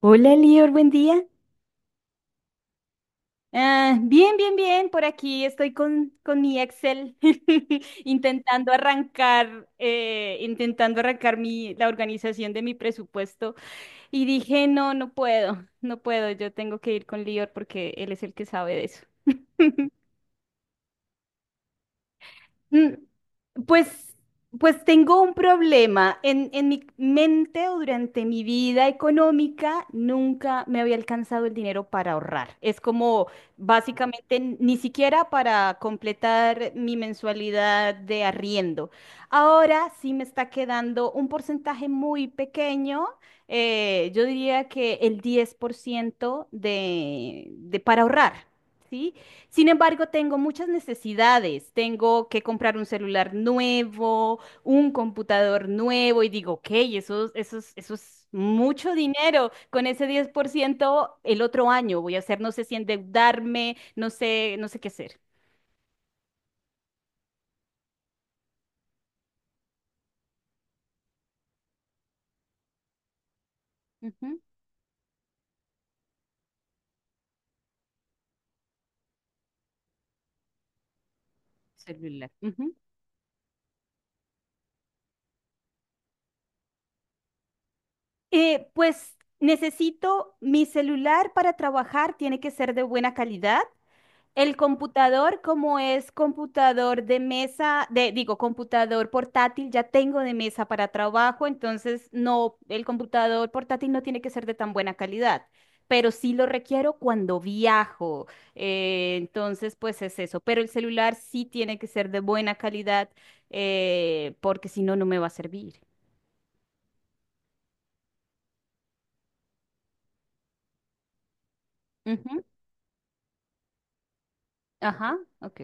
Hola, Lior, buen día. Ah, bien, bien, bien. Por aquí estoy con mi Excel intentando arrancar la organización de mi presupuesto. Y dije, no puedo, no puedo. Yo tengo que ir con Lior porque él es el que sabe de eso. Mm, Pues, pues tengo un problema. En mi mente o durante mi vida económica nunca me había alcanzado el dinero para ahorrar. Es como básicamente ni siquiera para completar mi mensualidad de arriendo. Ahora sí me está quedando un porcentaje muy pequeño. Yo diría que el 10% de para ahorrar. ¿Sí? Sin embargo, tengo muchas necesidades. Tengo que comprar un celular nuevo, un computador nuevo y digo, ok, eso es mucho dinero. Con ese diez por ciento, el otro año voy a hacer, no sé si endeudarme, no sé, no sé qué hacer. Ujú. Celular. Ujú. Pues necesito mi celular para trabajar, tiene que ser de buena calidad. El computador, como es computador de mesa, digo, computador portátil, ya tengo de mesa para trabajo, entonces no, el computador portátil no tiene que ser de tan buena calidad, pero sí lo requiero cuando viajo. Entonces, pues es eso, pero el celular sí tiene que ser de buena calidad, porque si no, no me va a servir. Ujú. Ajá, ok.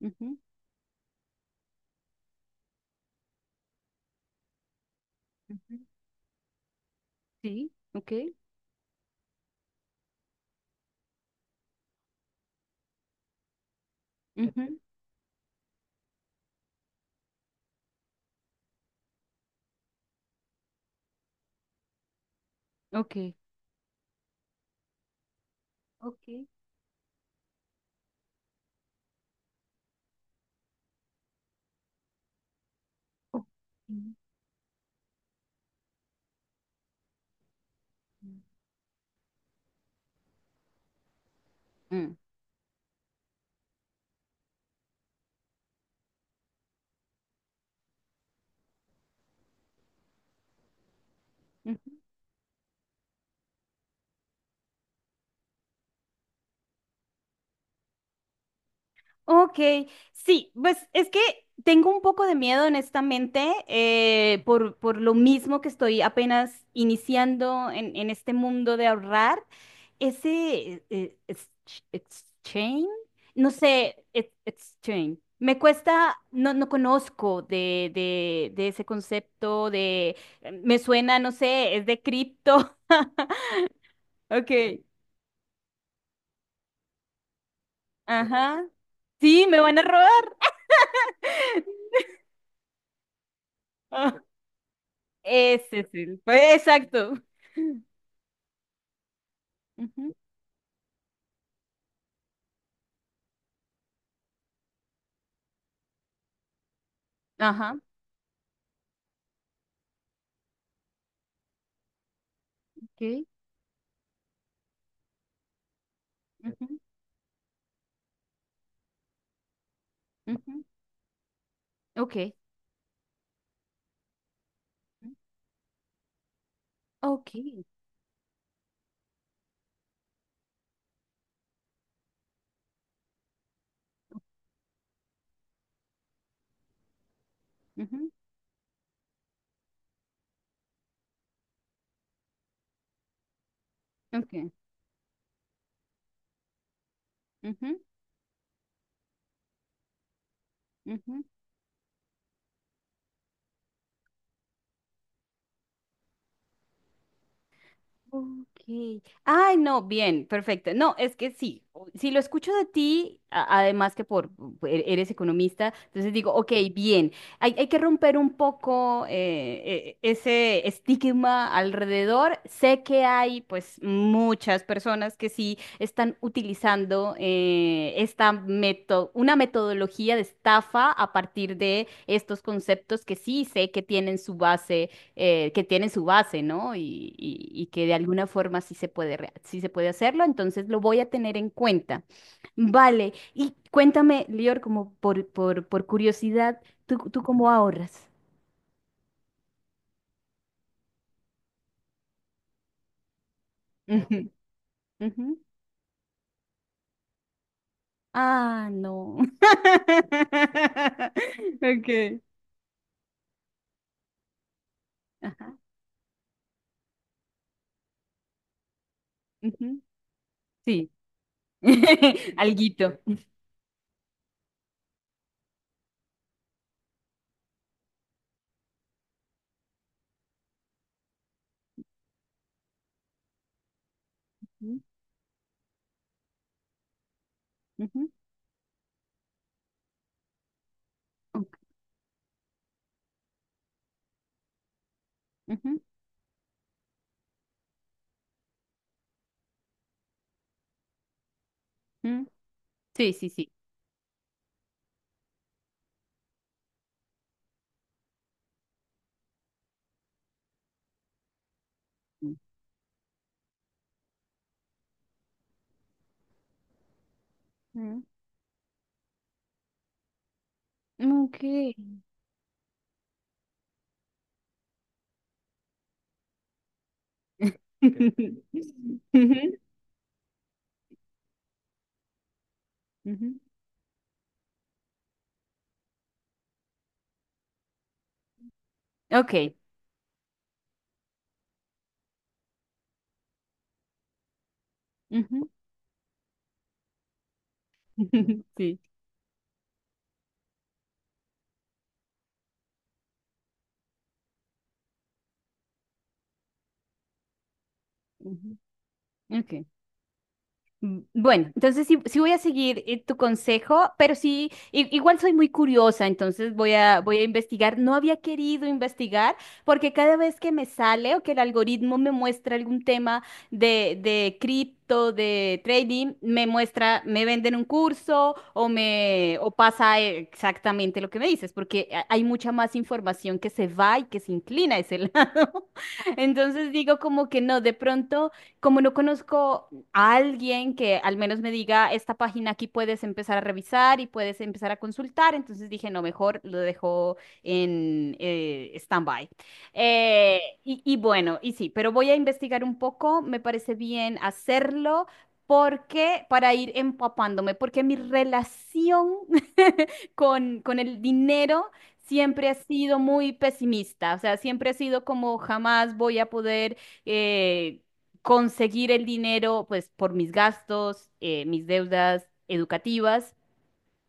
Ujú. Ujú. Sí, ok. Ujú. Ok. Ok. Ok. Mm. Ujú. Ok, sí, pues es que tengo un poco de miedo, honestamente, por lo mismo que estoy apenas iniciando en este mundo de ahorrar. Ese exchange, no sé, exchange. Me cuesta, no, no conozco de ese concepto, de, me suena, no sé, es de cripto. Ok, ajá. Sí, me van a robar. Ese es el. Pues, exacto. Ujú. Ajá. Ok. Ujú. Ujú. Ok. Ujú. Ok. Ujú. Ok. Ujú. Ujú. Ok. Ay, no, bien, perfecto. No, es que sí, si lo escucho de ti, además que por eres economista, entonces digo, ok, bien, hay que romper un poco ese estigma alrededor. Sé que hay pues muchas personas que sí están utilizando esta una metodología de estafa a partir de estos conceptos que sí sé que tienen su base que tienen su base, ¿no? Y, y que de alguna forma sí se puede, sí se puede hacerlo, entonces lo voy a tener en cuenta. Vale, y cuéntame, Lior, como por curiosidad, tú cómo ahorras? Ujú. Ujú. Ah, no. Okay. Ajá. Ujú. Sí. Alguito. Ujú. Ujú. Ok. Ujú. Ujú. Sí, sí, sí. Ujú. Ok. Ujú. Ujú. Ok. Ujú. Sí. Ujú. Ok. Bueno, entonces sí, sí voy a seguir tu consejo, pero sí, igual soy muy curiosa, entonces voy a investigar. No había querido investigar porque cada vez que me sale o que el algoritmo me muestra algún tema de cripto, de trading, me muestra, me venden un curso o me, o pasa exactamente lo que me dices, porque hay mucha más información que se va y que se inclina a ese lado. Entonces digo como que no, de pronto como no conozco a alguien que al menos me diga, esta página aquí puedes empezar a revisar y puedes empezar a consultar. Entonces dije, no, mejor lo dejo en stand-by. Y, y bueno, y sí, pero voy a investigar un poco, me parece bien hacerlo. Porque para ir empapándome, porque mi relación con el dinero siempre ha sido muy pesimista, o sea, siempre ha sido como jamás voy a poder eh, conseguir el dinero, pues, por mis gastos, mis deudas educativas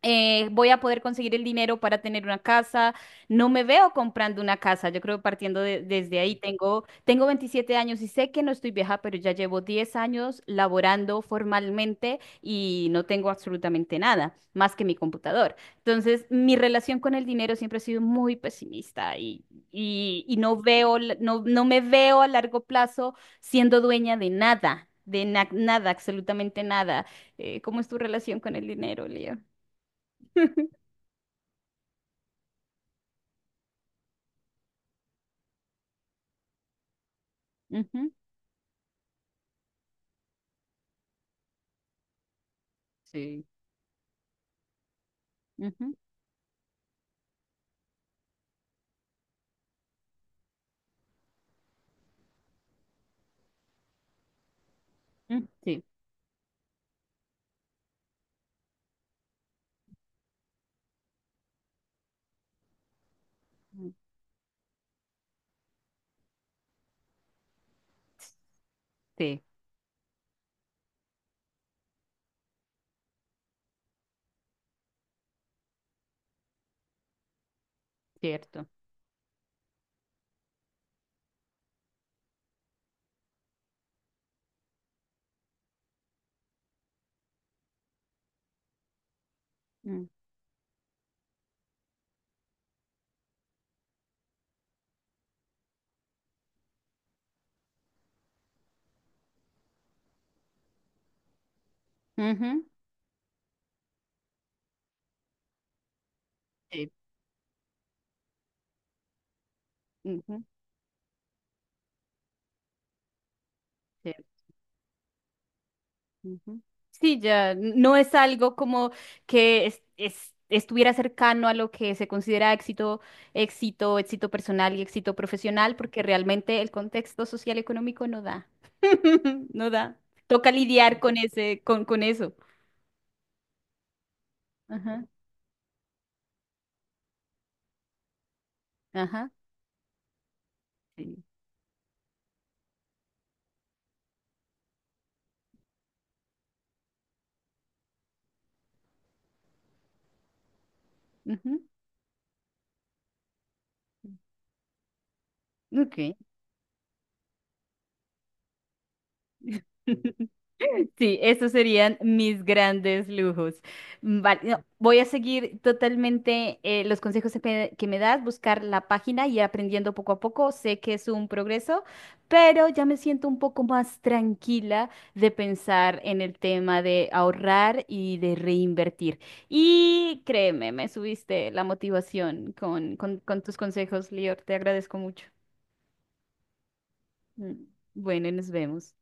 voy a poder conseguir el dinero para tener una casa. No me veo comprando una casa. Yo creo que partiendo desde ahí, tengo 27 años y sé que no estoy vieja, pero ya llevo 10 años laborando formalmente y no tengo absolutamente nada más que mi computador. Entonces, mi relación con el dinero siempre ha sido muy pesimista y no veo, no me veo a largo plazo siendo dueña de nada. De nada, absolutamente nada. ¿Cómo es tu relación con el dinero, Leo? Ujú. Sí. Ujú. Mm. Sí. Mm. Sí, cierto. Mm. Ujú. Sí. Ujú. Cierto. Ujú. Sí, ya no es algo como que estuviera cercano a lo que se considera éxito, éxito, éxito personal y éxito profesional, porque realmente el contexto social económico no da. No da. Toca lidiar con ese, con eso. Ajá, ajá. Sí. Ujú. Ok. Sí, esos serían mis grandes lujos. Vale, no, voy a seguir totalmente los consejos que me das, buscar la página y aprendiendo poco a poco. Sé que es un progreso, pero ya me siento un poco más tranquila de pensar en el tema de ahorrar y de reinvertir. Y créeme, me subiste la motivación con tus consejos, Lior. Te agradezco mucho. Mm, Bueno, nos vemos.